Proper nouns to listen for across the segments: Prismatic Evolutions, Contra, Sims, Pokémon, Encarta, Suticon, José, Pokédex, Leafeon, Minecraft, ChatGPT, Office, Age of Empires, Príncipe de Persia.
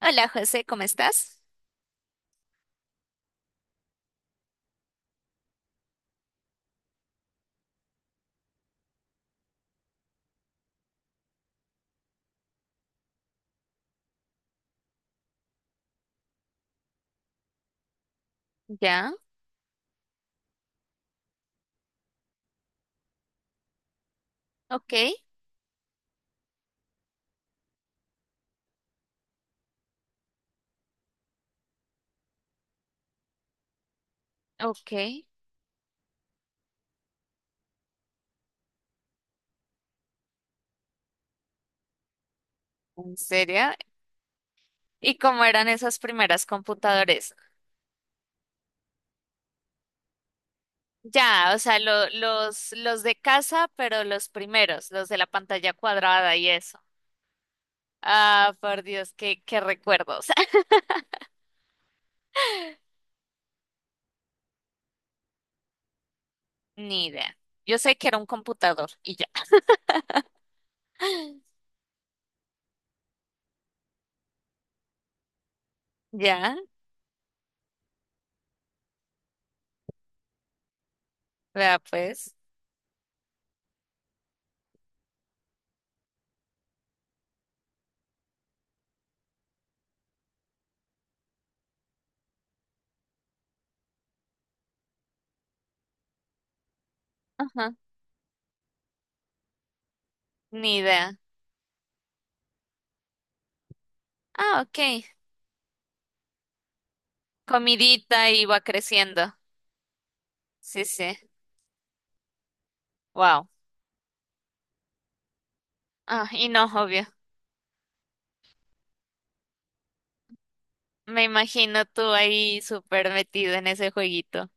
Hola José, ¿cómo estás? Ya, ok, ok, en serio. ¿Y cómo eran esos primeros computadores? Ya, o sea, los de casa, pero los primeros, los de la pantalla cuadrada y eso. Ah, por Dios, qué recuerdos. Ni idea. Yo sé que era un computador y ya. Ya, vea pues. Ajá, ni idea. Ah, ok. Comidita iba creciendo. Sí, sí. Wow. Ah, y no, obvio. Me imagino tú ahí súper metido en ese jueguito.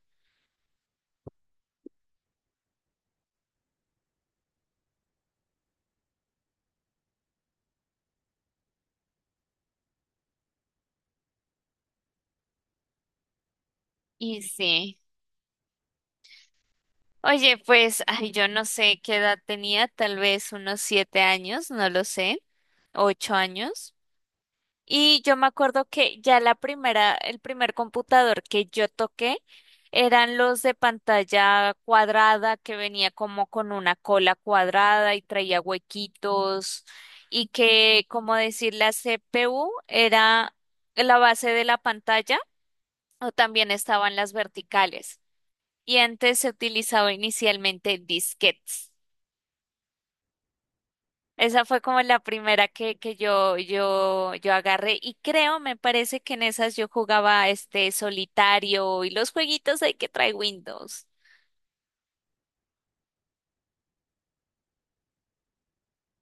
Y sí. Oye, pues, ay, yo no sé qué edad tenía, tal vez unos 7 años, no lo sé, 8 años. Y yo me acuerdo que ya la primera, el primer computador que yo toqué eran los de pantalla cuadrada que venía como con una cola cuadrada y traía huequitos y que, como decir, la CPU era la base de la pantalla o también estaban las verticales. Y antes se utilizaba inicialmente disquetes. Esa fue como la primera que yo agarré y creo, me parece que en esas yo jugaba este solitario y los jueguitos hay que trae Windows.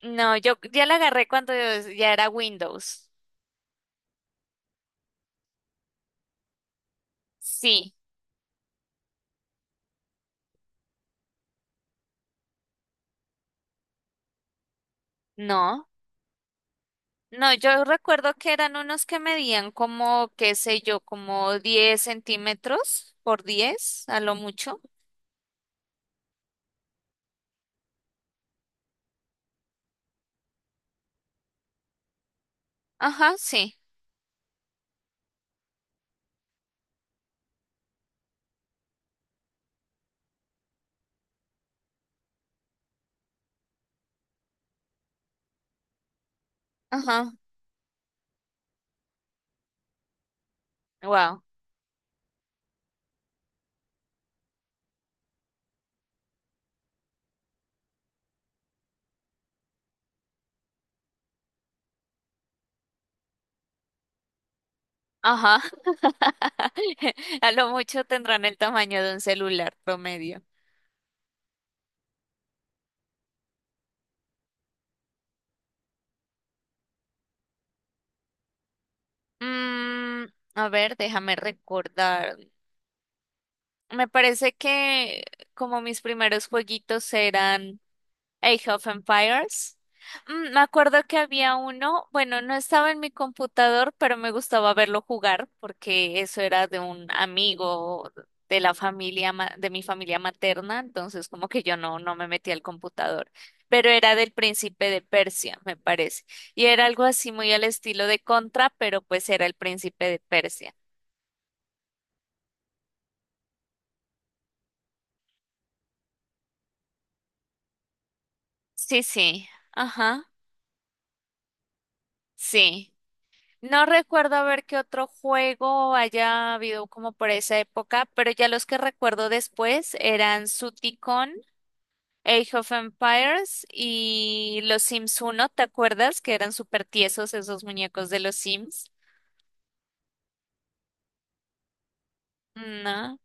No, yo ya la agarré cuando ya era Windows. Sí, no. No, yo recuerdo que eran unos que medían como, qué sé yo, como 10 centímetros por 10 a lo mucho. Ajá, sí. Ajá. Wow. Ajá. A lo mucho tendrán el tamaño de un celular promedio. Mm, a ver, déjame recordar. Me parece que como mis primeros jueguitos eran Age of Empires. Me acuerdo que había uno, bueno, no estaba en mi computador, pero me gustaba verlo jugar porque eso era de un amigo de la familia, de mi familia materna, entonces como que yo no, no me metí al computador, pero era del príncipe de Persia, me parece, y era algo así muy al estilo de Contra, pero pues era el príncipe de Persia. Sí, sí, ajá, sí. No recuerdo haber qué otro juego haya habido como por esa época, pero ya los que recuerdo después eran Suticon, Age of Empires y los Sims uno. ¿Te acuerdas? Que eran súper tiesos esos muñecos de los Sims. Mm, no.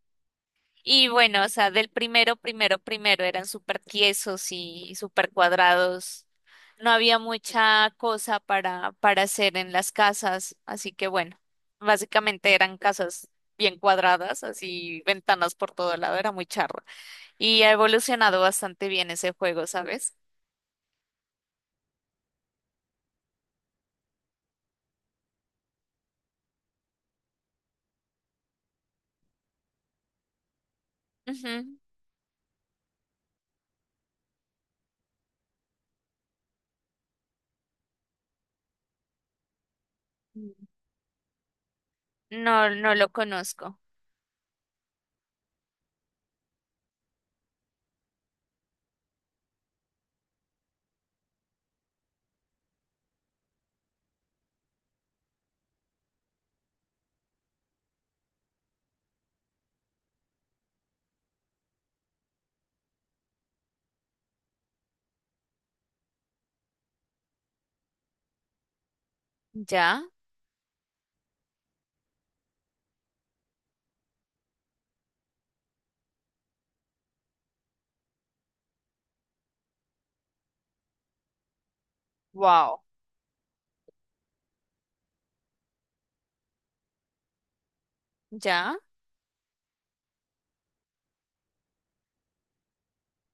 Y bueno, o sea, del primero, primero, primero eran súper tiesos y súper cuadrados. No había mucha cosa para hacer en las casas, así que bueno, básicamente eran casas bien cuadradas, así ventanas por todo lado, era muy charro. Y ha evolucionado bastante bien ese juego, ¿sabes? Ujú. No, no lo conozco. ¿Ya? Wow. ¿Ya?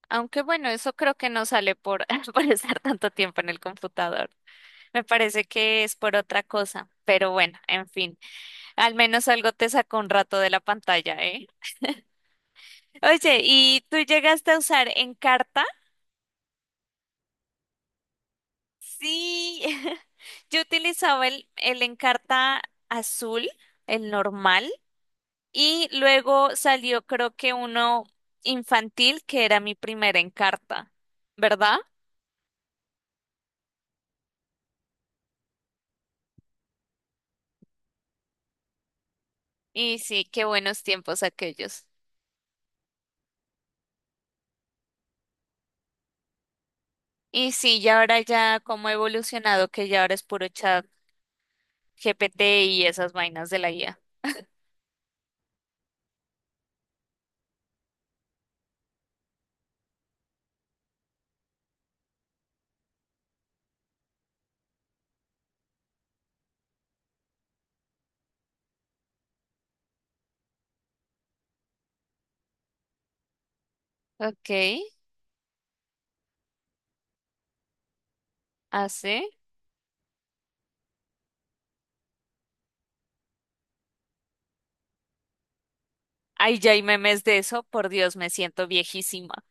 Aunque bueno, eso creo que no sale por, por estar tanto tiempo en el computador. Me parece que es por otra cosa, pero bueno, en fin, al menos algo te sacó un rato de la pantalla, ¿eh? Oye, ¿y tú llegaste a usar Encarta? Sí, yo utilizaba el Encarta azul, el normal, y luego salió creo que uno infantil, que era mi primera Encarta, ¿verdad? Y sí, qué buenos tiempos aquellos. Y sí, ya ahora ya cómo ha evolucionado que ya ahora es puro chat GPT y esas vainas de la guía. Ok, hace. Ay, ya hay memes de eso. Por Dios, me siento viejísima.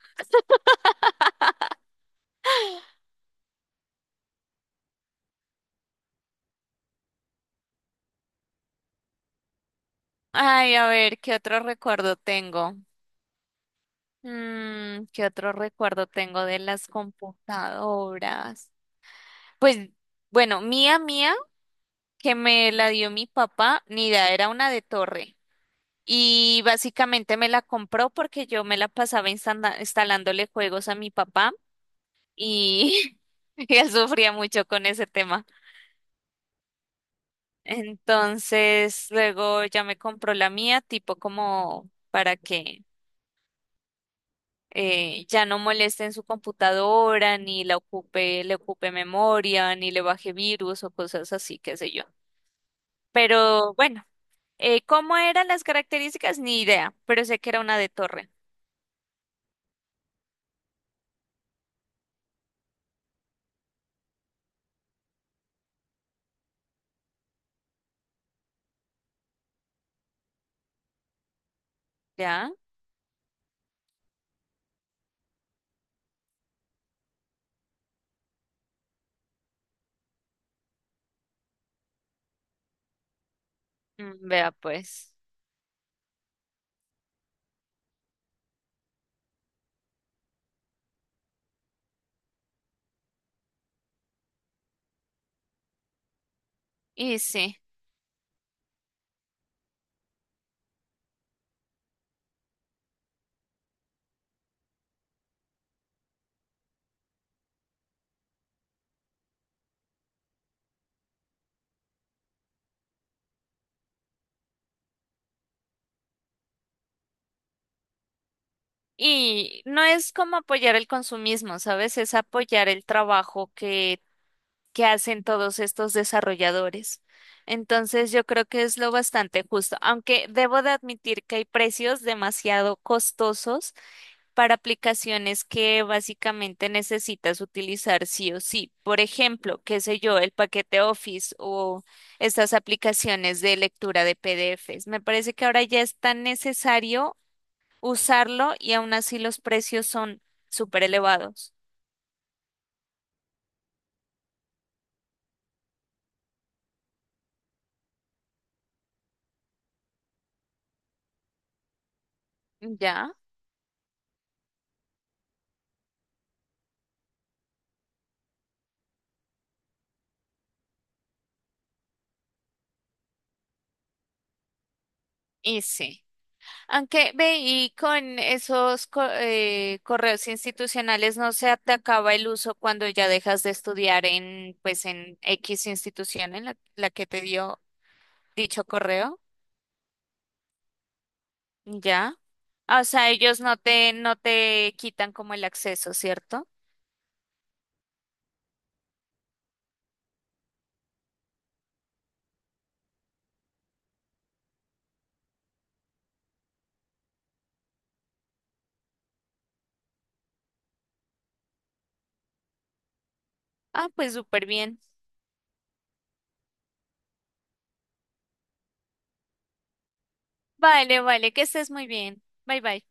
Ay, a ver, ¿qué otro recuerdo tengo? ¿Qué otro recuerdo tengo de las computadoras? Pues, bueno, mía, mía, que me la dio mi papá, ni idea, era una de torre. Y básicamente me la compró porque yo me la pasaba instalándole juegos a mi papá y él sufría mucho con ese tema. Entonces, luego ya me compró la mía, tipo como para que ya no moleste en su computadora, ni la ocupe, le ocupe memoria, ni le baje virus o cosas así, qué sé yo. Pero bueno, ¿cómo eran las características? Ni idea, pero sé que era una de torre. ¿Ya? Mm, vea pues. Y sí. Y no es como apoyar el consumismo, ¿sabes? Es apoyar el trabajo que hacen todos estos desarrolladores. Entonces yo creo que es lo bastante justo, aunque debo de admitir que hay precios demasiado costosos para aplicaciones que básicamente necesitas utilizar sí o sí. Por ejemplo, qué sé yo, el paquete Office o estas aplicaciones de lectura de PDFs. Me parece que ahora ya es tan necesario usarlo y aún así los precios son súper elevados. Ya, y sí. Aunque ve, y con esos correos institucionales no se te acaba el uso cuando ya dejas de estudiar en, pues, en X institución en la que te dio dicho correo, ¿ya? Ah, o sea, ellos no te, no te quitan como el acceso, ¿cierto? Ah, pues súper bien. Vale, vale, que estés muy bien. Bye, bye.